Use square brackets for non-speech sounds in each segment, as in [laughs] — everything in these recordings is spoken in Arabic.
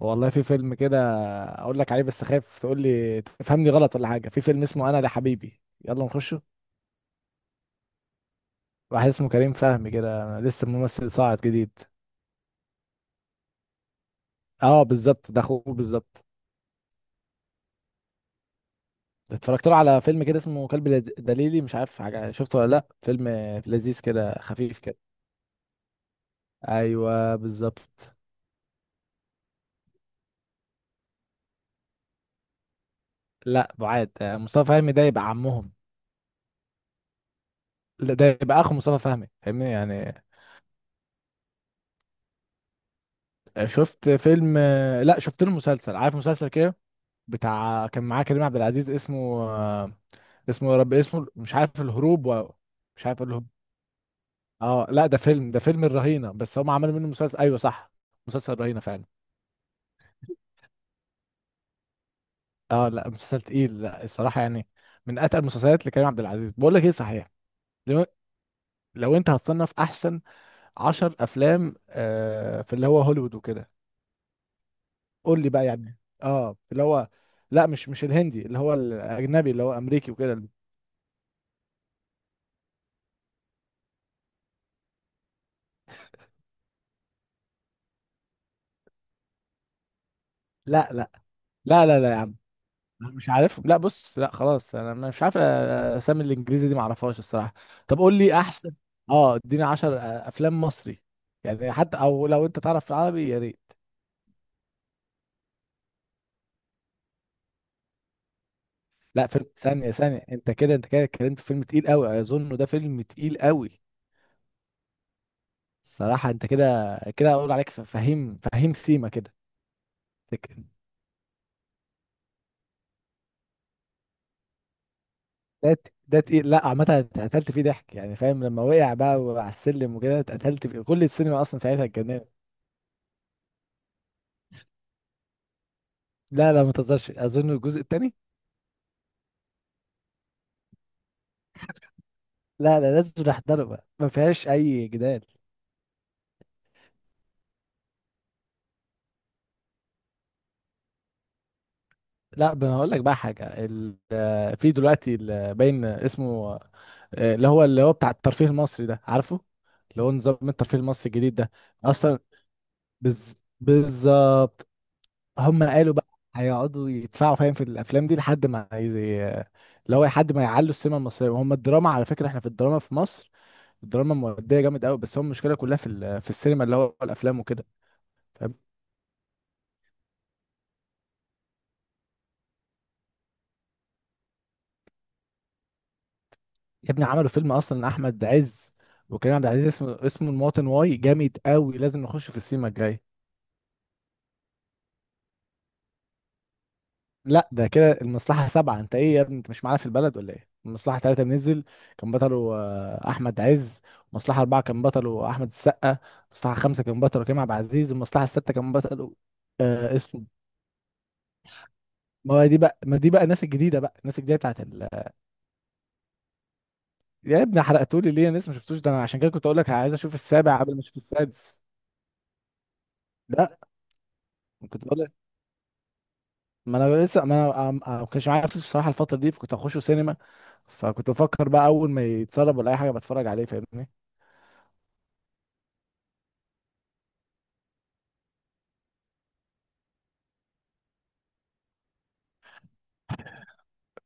والله في فيلم كده، اقول لك عليه بس خايف تقول لي تفهمني غلط ولا حاجه. في فيلم اسمه انا لحبيبي، يلا نخشه. واحد اسمه كريم فهمي كده، لسه ممثل صاعد جديد. اه بالظبط، ده اخوه بالظبط. اتفرجت له على فيلم كده اسمه كلب دليلي، مش عارف حاجه شفته ولا لا. فيلم لذيذ كده، خفيف كده. ايوه بالظبط. لا بعاد، مصطفى فهمي ده يبقى عمهم. لا ده يبقى اخو مصطفى فهمي، فاهمني يعني. شفت فيلم، لا شفت له مسلسل، عارف مسلسل كده، بتاع كان معاه كريم عبد العزيز اسمه. آه، اسمه يا رب اسمه، مش عارف الهروب مش عارف الهروب. اه لا ده فيلم، ده فيلم الرهينة، بس هم عملوا منه مسلسل، ايوه صح، مسلسل الرهينة فعلا. اه لا مسلسل تقيل، لا الصراحة يعني من اتقل المسلسلات لكريم عبد العزيز. بقول لك ايه صحيح، لو, لو انت هتصنف احسن عشر افلام في اللي هو هوليوود وكده، قول لي بقى يعني اه اللي هو، لا مش الهندي، اللي هو الاجنبي، اللي هو امريكي وكده. لا لا لا لا لا، مش عارف، لا بص لا خلاص، انا مش عارف اسامي الانجليزي دي، ما اعرفهاش الصراحه. طب قول لي احسن، اه اديني 10 افلام مصري يعني حتى، او لو انت تعرف في العربي يا ريت. لا فيلم، ثانيه، انت كده انت كده اتكلمت في فيلم تقيل قوي، اظن ده فيلم تقيل قوي. الصراحه انت كده كده اقول عليك فهيم سيما كده. لك- ده ده تقيل. لا عامه اتقتلت فيه ضحك يعني، فاهم لما وقع بقى على السلم وكده، اتقتلت فيه كل السينما اصلا، ساعتها اتجننت. لا لا ما تهزرش، اظن الجزء الثاني. لا لا لازم نحضره بقى، ما فيهاش اي جدال. لا انا هقول لك بقى حاجه، في دلوقتي باين اسمه، اللي هو بتاع الترفيه المصري ده عارفه، اللي هو نظام الترفيه المصري الجديد ده اصلا. بز... بالظبط. هم قالوا بقى هيقعدوا يدفعوا، فاهم، في الافلام دي لحد ما زي اللي هو لحد ما يعلوا السينما المصريه، وهم الدراما على فكره. احنا في الدراما في مصر، الدراما موديه جامد قوي، بس هو المشكله كلها في السينما، اللي هو الافلام وكده. فاهمني؟ يا ابني عملوا فيلم اصلا احمد عز وكريم عبد العزيز، اسمه اسمه المواطن، واي جامد قوي، لازم نخش في السينما الجاي. لا ده كده المصلحه سبعه، انت ايه يا ابني، انت مش معانا في البلد ولا ايه؟ المصلحه ثلاثه نزل، كان بطله احمد عز. المصلحه اربعه كان بطله احمد السقا. المصلحه خمسه كان بطله كريم عبد العزيز، والمصلحه السته كان بطله، اسمه، ما هو دي بقى، ما دي بقى الناس الجديده بقى، الناس الجديده يا ابني حرقتولي ليه، انا لسه ما شفتوش ده. انا عشان كده كنت اقول لك عايز اشوف السابع قبل ما اشوف السادس. لا، كنت بقول، ما انا لسه ما انا عم- عم- ما كانش معايا فلوس الصراحه الفتره دي، فكنت هخشه سينما. فكنت بفكر بقى اول ما يتسرب ولا اي حاجه بتفرج عليه، فاهمني.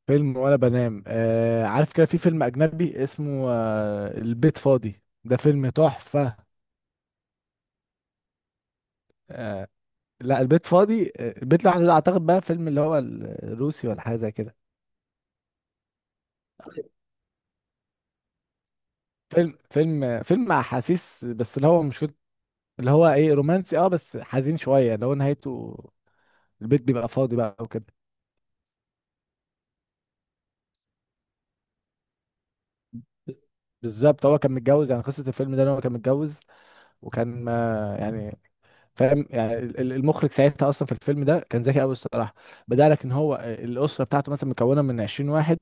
فيلم وانا بنام، عارف كده في فيلم اجنبي اسمه البيت فاضي، ده فيلم تحفه. آه. لا البيت فاضي، البيت لوحده ده اعتقد بقى فيلم اللي هو الروسي ولا حاجه زي كده. فيلم احاسيس، بس اللي هو مش كنت، اللي هو ايه رومانسي، اه بس حزين شويه، اللي هو نهايته البيت بيبقى فاضي بقى وكده. بالظبط، هو كان متجوز، يعني قصة الفيلم ده ان هو كان متجوز، وكان ما يعني، فاهم يعني المخرج ساعتها اصلا في الفيلم ده كان ذكي قوي الصراحة. بدأ لك ان هو الأسرة بتاعته مثلا مكونة من 20 واحد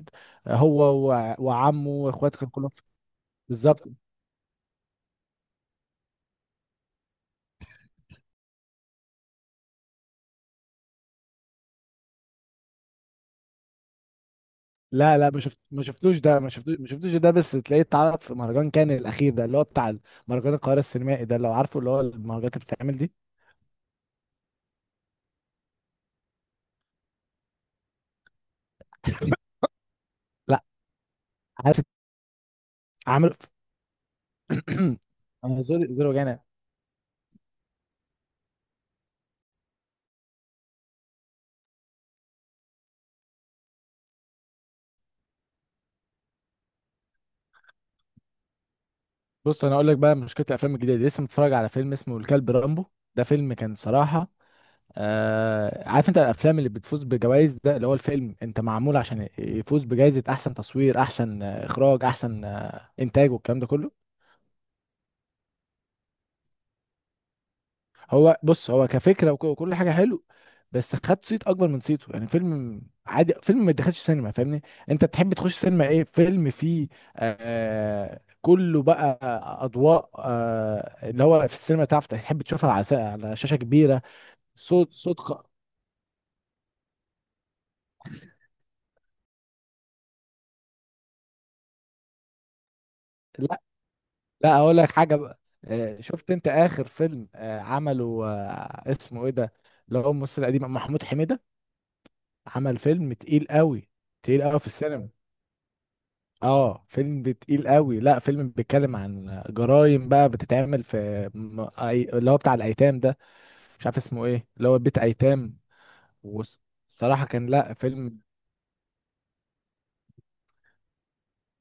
هو وعمه واخواته كانوا كلهم في. بالظبط. لا لا، ما شفتوش ده، ما شفتوش ده، بس تلاقيه اتعرض في مهرجان كان الأخير ده، اللي هو بتاع مهرجان القاهرة السينمائي ده، لو عارفه اللي هو المهرجانات اللي بتتعمل دي. [laughs] لا، عارف، عامل. [clears throat] انا زوري وجعان. بص انا اقول لك بقى، مشكله الافلام الجديده دي، لسه متفرج على فيلم اسمه الكلب رامبو، ده فيلم كان صراحه، عارف انت الافلام اللي بتفوز بجوائز ده، اللي هو الفيلم انت معمول عشان يفوز بجائزه احسن تصوير احسن اخراج احسن انتاج، والكلام ده كله. هو بص هو كفكره وكل حاجه حلو، بس خد صيت اكبر من صيته، يعني فيلم عادي، فيلم ما يدخلش سينما، فاهمني. انت تحب تخش سينما ايه، فيلم فيه كله بقى اضواء، اللي هو في السينما، تعرف تحب تشوفها على شاشه كبيره. صوت لا لا، اقول لك حاجه بقى، شفت انت اخر فيلم عمله، اسمه ايه ده، اللي هو الممثل القديم محمود حميده، عمل فيلم تقيل قوي، تقيل قوي في السينما. اه فيلم تقيل قوي، لا فيلم بيتكلم عن جرائم بقى بتتعمل اللي هو بتاع الايتام ده، مش عارف اسمه ايه، اللي هو بيت ايتام. وصراحة كان لا فيلم.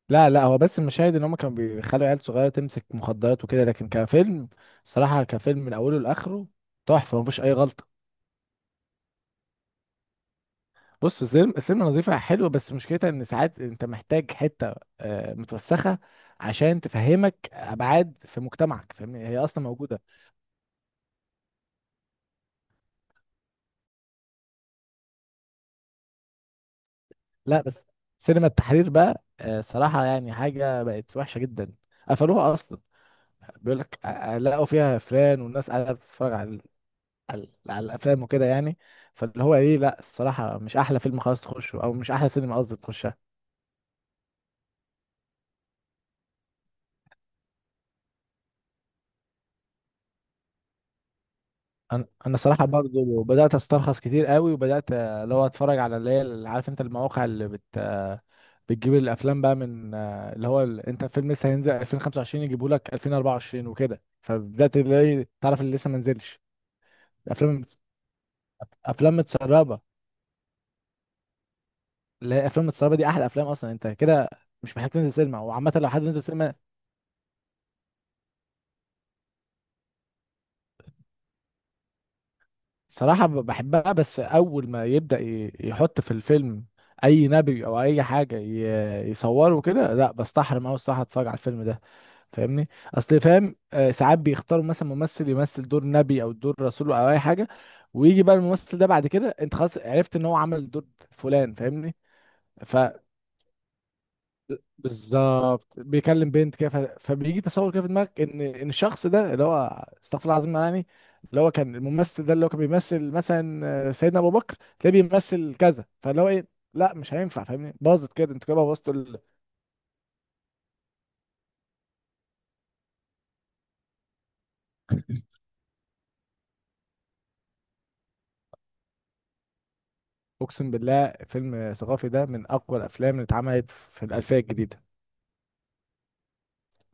لا لا هو بس المشاهد، ان هم كانوا بيخلوا عيال صغيرة تمسك مخدرات وكده، لكن كفيلم صراحة، كفيلم من اوله لاخره، تحفة، مفيش اي غلطة. بص، السينما نظيفة حلوة، بس مشكلتها ان ساعات انت محتاج حتة متوسخة عشان تفهمك ابعاد في مجتمعك، فاهمني، هي اصلا موجودة. لا بس، سينما التحرير بقى، صراحة يعني حاجة بقت وحشة جدا، قفلوها أصلا. بيقول لك لقوا فيها فيران، والناس قاعدة بتتفرج على الأفلام وكده يعني. فاللي هو إيه، لا الصراحة مش أحلى فيلم خلاص تخشه، أو مش أحلى سينما قصدي تخشها. أنا صراحة برضو بدأت أسترخص كتير قوي، وبدأت اللي هو أتفرج على اللي هي، اللي عارف أنت المواقع اللي بت آه، بتجيب الافلام بقى، من اللي هو انت فيلم لسه هينزل 2025 يجيبوا لك 2024 وكده، فبدات اللي هي إيه، تعرف اللي لسه ما نزلش افلام، افلام متسربه، اللي هي افلام متسربه دي احلى افلام اصلا انت كده، مش محتاج تنزل سينما. وعامه لو حد نزل سينما. صراحه بحبها، بس اول ما يبدا يحط في الفيلم اي نبي او اي حاجه يصوره كده، لا بستحرم اوي الصراحه اتفرج على الفيلم ده، فاهمني. اصل فاهم، ساعات بيختاروا مثلا ممثل يمثل دور نبي او دور رسول او اي حاجه، ويجي بقى الممثل ده بعد كده انت خلاص عرفت ان هو عمل دور فلان، فاهمني. بالظبط، بيكلم بنت كده، فبيجي تصور كده في دماغك ان الشخص ده اللي هو استغفر الله العظيم يعني، اللي هو كان الممثل ده اللي هو كان بيمثل مثلا سيدنا ابو بكر، تلاقيه بيمثل كذا، فاللي هو ايه، لا مش هينفع، فاهمني، باظت كده، انت كده اقسم بالله فيلم ثقافي ده من اقوى الافلام اللي اتعملت في الالفيه الجديده.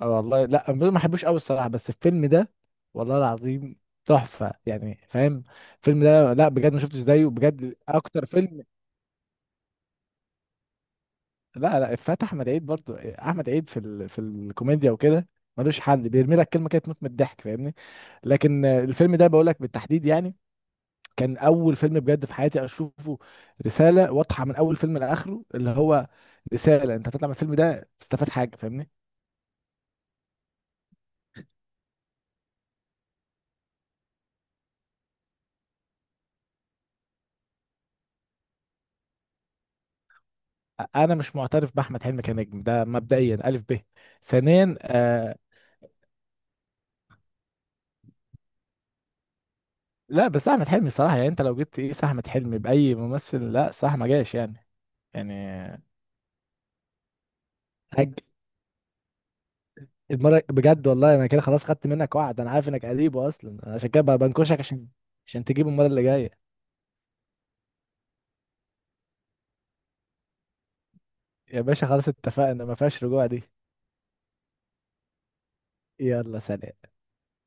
والله لا أنا ما بحبوش قوي الصراحه، بس الفيلم ده والله العظيم تحفه يعني فاهم، الفيلم ده لا بجد ما شفتش زيه بجد، اكتر فيلم. لا لا افات احمد عيد برضو، احمد عيد في الكوميديا وكده ملوش حل، بيرمي لك كلمه كده تموت من الضحك، فاهمني. لكن الفيلم ده بقول لك بالتحديد يعني كان اول فيلم بجد في حياتي اشوفه، رساله واضحه من اول فيلم لاخره، اللي هو رساله انت هتطلع من الفيلم ده تستفاد حاجه، فاهمني. انا مش معترف باحمد حلمي كنجم ده مبدئيا الف ب. ثانيا لا بس احمد حلمي صراحه يعني، انت لو جبت ايه احمد حلمي باي ممثل، لا صح ما جاش يعني، يعني. المرة بجد والله انا كده خلاص خدت منك وعد، انا عارف انك قريبه اصلا، انا عشان كده بقى بنكشك عشان، عشان تجيبه المرة اللي جاية. يا باشا خلاص اتفقنا، ما فيهاش رجوع دي. يلا سلام.